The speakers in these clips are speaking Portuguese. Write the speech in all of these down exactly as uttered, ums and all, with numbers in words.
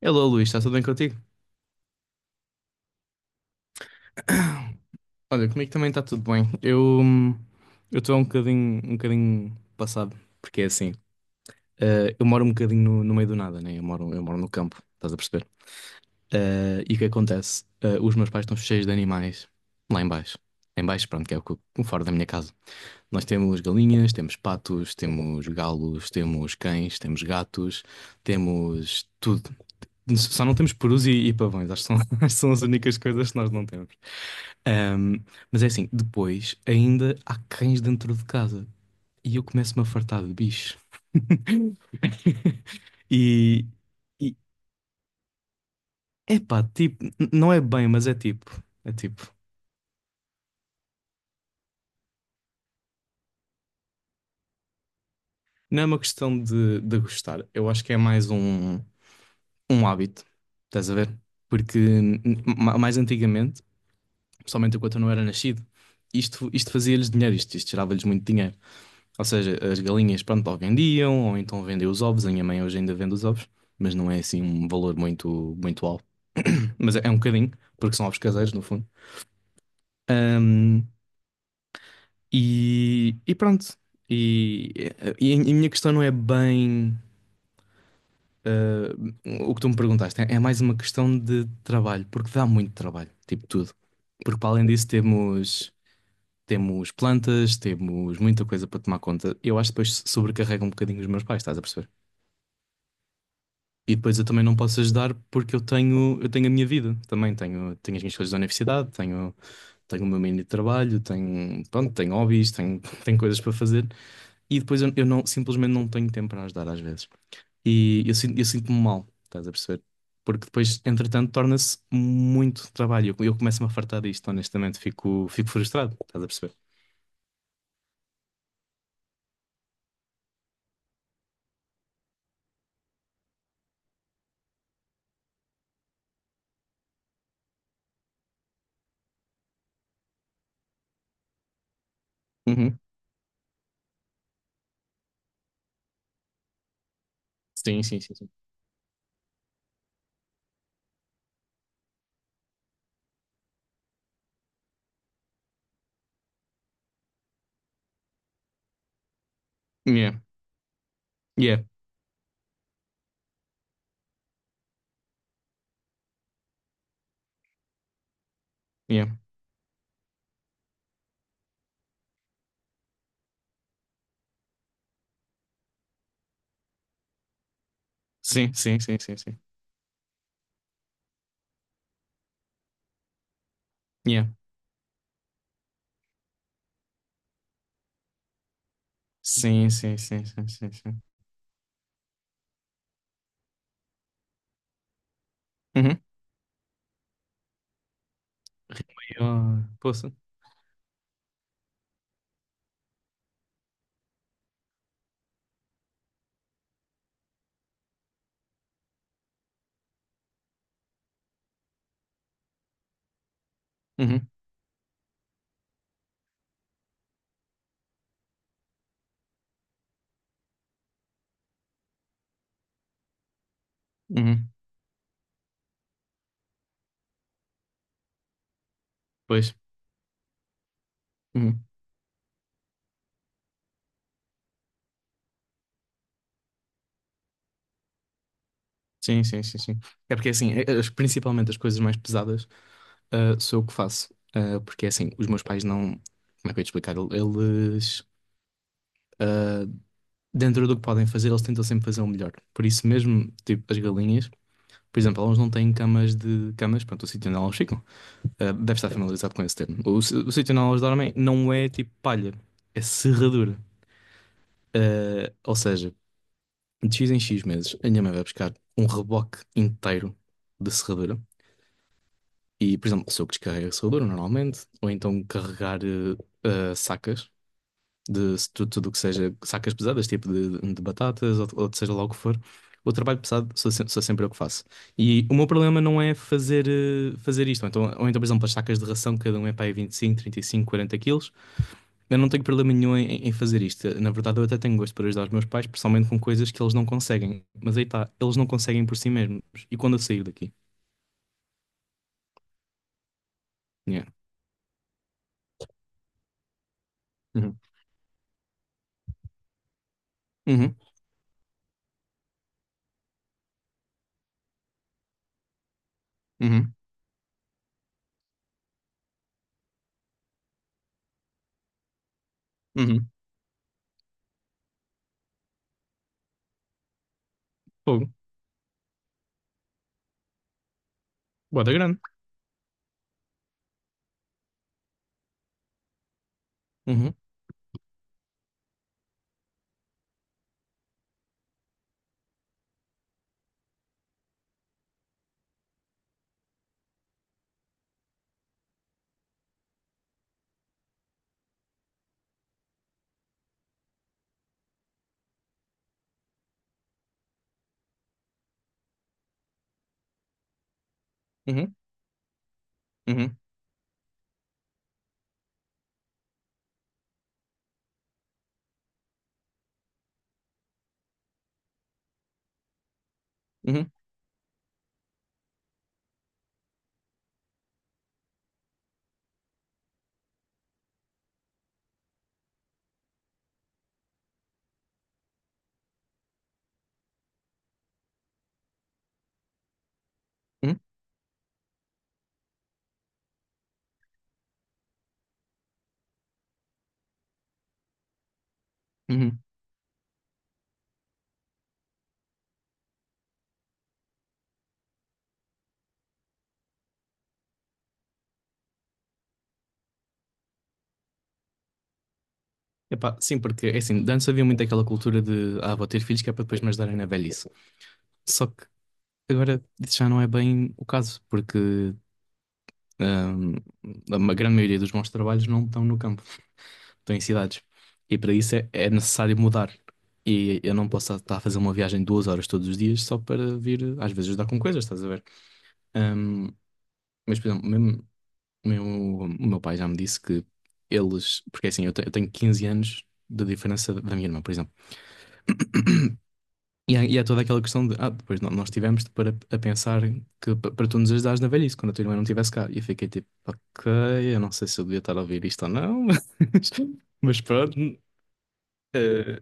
Hello, Luís, está tudo bem contigo? Olha, comigo também está tudo bem. Eu hum, eu estou um bocadinho, um bocadinho passado, porque é assim, eh, eu moro um bocadinho no, no meio do nada, né? Eu moro, eu moro no campo, estás a perceber? Eh, e o que acontece? Eh, os meus pais estão cheios de animais lá em baixo. Em baixo, pronto, que é o co- o fora da minha casa. Nós temos galinhas, temos patos, temos galos, temos cães, temos gatos, temos tudo. Só não temos perus e, e pavões, acho que são, acho que são as únicas coisas que nós não temos. Ahm, mas é assim, depois ainda há cães dentro de casa e eu começo-me a fartar de bicho. E, e epá, tipo, n- não é bem, mas é tipo, é tipo, não é uma questão de, de gostar. Eu acho que é mais um, um hábito, estás a ver? Porque n- n- ma- mais antigamente, principalmente enquanto eu não era nascido, isto, isto fazia-lhes dinheiro, isto, isto gerava-lhes muito dinheiro. Ou seja, as galinhas, pronto, ou vendiam, ou então vendem os ovos. A minha mãe hoje ainda vende os ovos, mas não é assim um valor muito, muito alto. Mas é, é um bocadinho, porque são ovos caseiros, no fundo. Ahm, e, e pronto. E, e, a minha questão não é bem, ah, o que tu me perguntaste. É, é mais uma questão de trabalho, porque dá muito trabalho, tipo tudo. Porque para além disso temos, temos plantas, temos muita coisa para tomar conta. Eu acho que depois sobrecarrega um bocadinho os meus pais, estás a perceber? E depois eu também não posso ajudar porque eu tenho, eu tenho a minha vida também. Tenho, tenho as minhas coisas da universidade, tenho, tenho o meu meio de trabalho, tenho, pronto, tenho hobbies, tenho, tenho coisas para fazer. E depois eu, eu não, simplesmente não tenho tempo para ajudar às vezes. E eu, sinto- eu sinto-me mal, estás a perceber? Porque depois, entretanto, torna-se muito trabalho. Eu, eu começo-me a fartar disto, honestamente. Fico, fico frustrado, estás a perceber? Uhum. Sim, sim, sim, sim. Yeah, yeah, yeah. Sim, sim, sim, sim, sim. Yeah. Sim, sim, sim, sim, sim, sim. Uhum. Eu, poxa. Uhum, uhum. Pois. Uhum. Sim, sim, sim, sim. É porque assim, eh, as- principalmente as coisas mais pesadas, ah, sou eu que faço. Ah, porque assim, os meus pais não. Como é que eu ia te explicar? Ele- Eles, dentro do que podem fazer, eles tentam sempre fazer o melhor. Por isso mesmo, tipo, as galinhas, por exemplo, elas não têm camas de camas, pronto, o sítio onde elas ficam. Ah, deve estar familiarizado com esse termo. O, si- o sítio onde elas dormem não é tipo palha, é serradura. Ah, ou seja, de X em X meses, a minha mãe vai buscar um reboque inteiro de serradura. E, por exemplo, sou eu que descarrego a serradura normalmente, ou então carregar eh, ah, sacas de se tu- tudo o que seja sacas pesadas, tipo de, de batatas ou, ou de seja lá o que for. O trabalho pesado sou, se- sou sempre eu que faço. E o meu problema não é fazer, eh, fazer isto. Ou então, ou então, por exemplo, as sacas de ração, cada um é para aí vinte e cinco, trinta e cinco, quarenta quilos. Eu não tenho problema nenhum em, em fazer isto. Na verdade, eu até tenho gosto por ajudar os meus pais, principalmente com coisas que eles não conseguem. Mas aí está, eles não conseguem por si mesmos. E quando eu sair daqui? Yeah. Uhum. Uhum. Uhum. Uhum. Fogo. Bota grande. Uhum. Uhum. Uhum. Uhum. Uhum. Uhum. Epá, sim, porque é assim, de antes havia muito aquela cultura de ah, vou ter filhos que é para depois me ajudarem na velhice. Só que agora isso já não é bem o caso, porque ahm, a ma- grande maioria dos bons trabalhos não estão no campo. Estou em cidades. E para isso é, é necessário mudar. E eu não posso estar a fazer uma viagem de duas horas todos os dias só para vir, às vezes, ajudar com coisas, estás a ver? Ahm, mas, por exemplo, mesmo, meu, o meu pai já me disse que eles. Porque assim, eu, te- eu tenho quinze anos de diferença da minha irmã, por exemplo. E há, e há toda aquela questão de. Ah, depois nó- nós tivemos para a pensar que pa- para tu nos ajudares na velhice, quando a tua irmã não estivesse cá. E eu fiquei tipo, ok, eu não sei se eu devia estar a ouvir isto ou não, mas, mas, pronto. eh,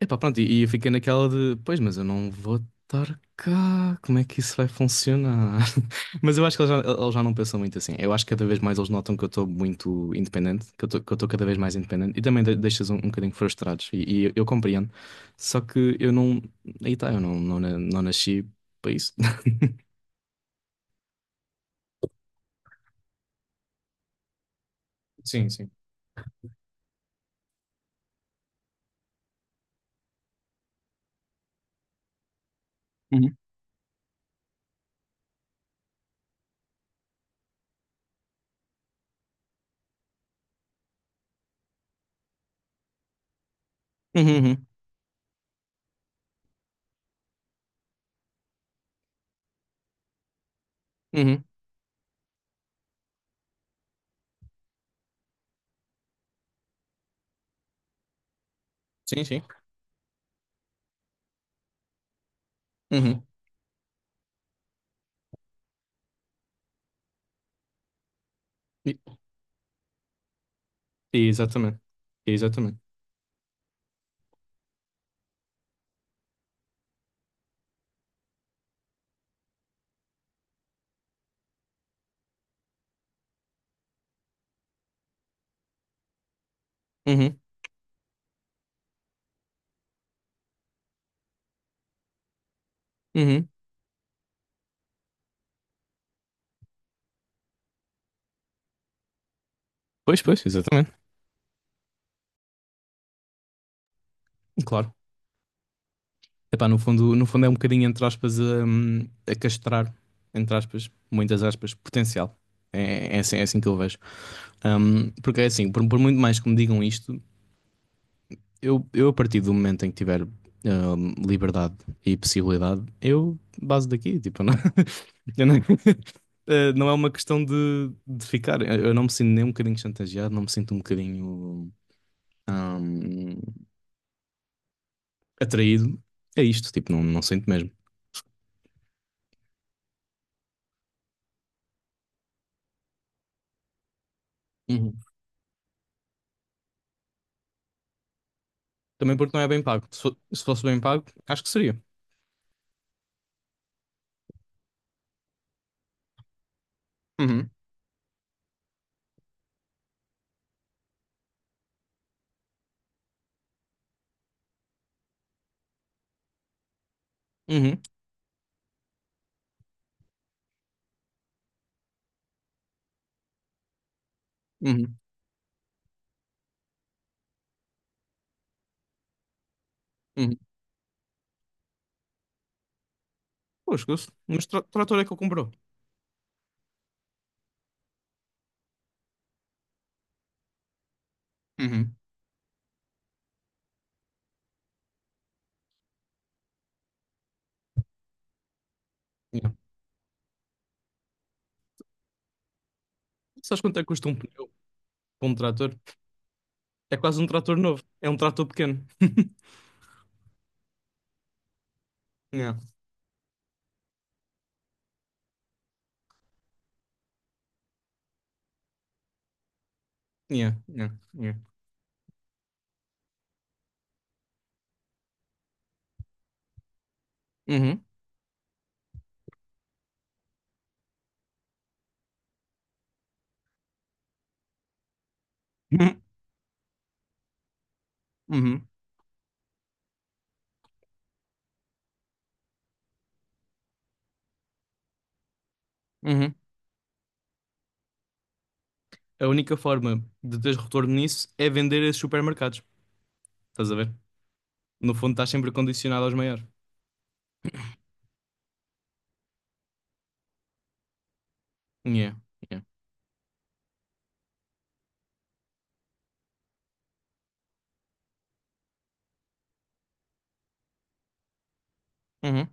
Epá, pronto, e, e eu fiquei naquela de, pois, mas eu não vou estar cá, como é que isso vai funcionar? Mas eu acho que eles já, eles já não pensam muito assim. Eu acho que cada vez mais eles notam que eu estou muito independente, que eu estou que eu estou cada vez mais independente e também de, deixas um, um bocadinho frustrados, e, e eu, eu compreendo. Só que eu não, aí está, eu não, não, na- não nasci para isso. Sim, sim. Uhum. Uhum, uhum, uhum. Sim, sim. Uhum. e Exatamente. Exatamente. Uhum, uhum. Pois, pois, exatamente. Claro. Epá, no fundo, no fundo é um bocadinho, entre aspas, hum, a, castrar, entre aspas, muitas aspas, potencial. É, é assim, é assim que eu vejo. Hum, porque é assim, por, por muito mais que me digam isto, eu, eu a partir do momento em que tiver hum, liberdade e possibilidade, eu baso daqui, tipo, não, eu não, eh, não é uma questão de, de ficar. Eu, eu não me sinto nem um bocadinho chantageado, não me sinto um bocadinho hum, atraído. É isto, tipo, não, não sinto mesmo. Também porque não é bem pago. Se fo- se fosse bem pago, acho que seria. Uhum, Uhum, uhum, uhum. Pô, esquece. Mas tra trator é que ele comprou. Uhum. Yeah. Sabes quanto é que custa um pneu para um trator? É quase um trator novo. É um trator pequeno. Yeah, yeah, yeah, yeah. Uhum, uhum, uhum, uhum. A única forma de teres retorno nisso é vender esses supermercados. Estás a ver? No fundo, estás sempre condicionado aos maiores. Yeah, yeah. Uhum,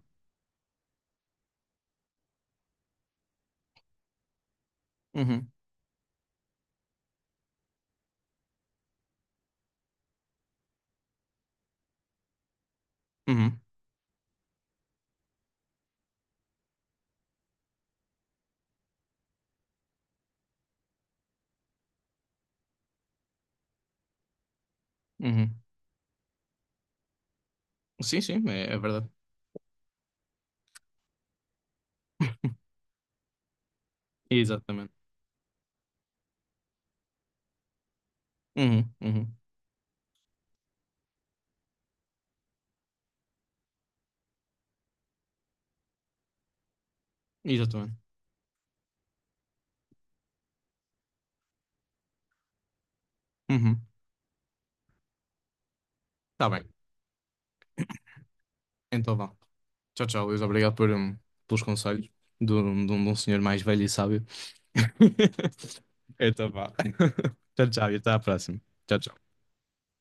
uhum, uhum, uhum. Sim, sim, é, é verdade. Exatamente. Uhum, uhum. Exatamente. Uhum. Tá bem. Então vá. Tchau, tchau, Luís. Obrigado por, hum, pelos conselhos de, um de um- de um senhor mais velho e sábio. Então vá. Tchau, tchau. E até à próxima. Tchau, tchau.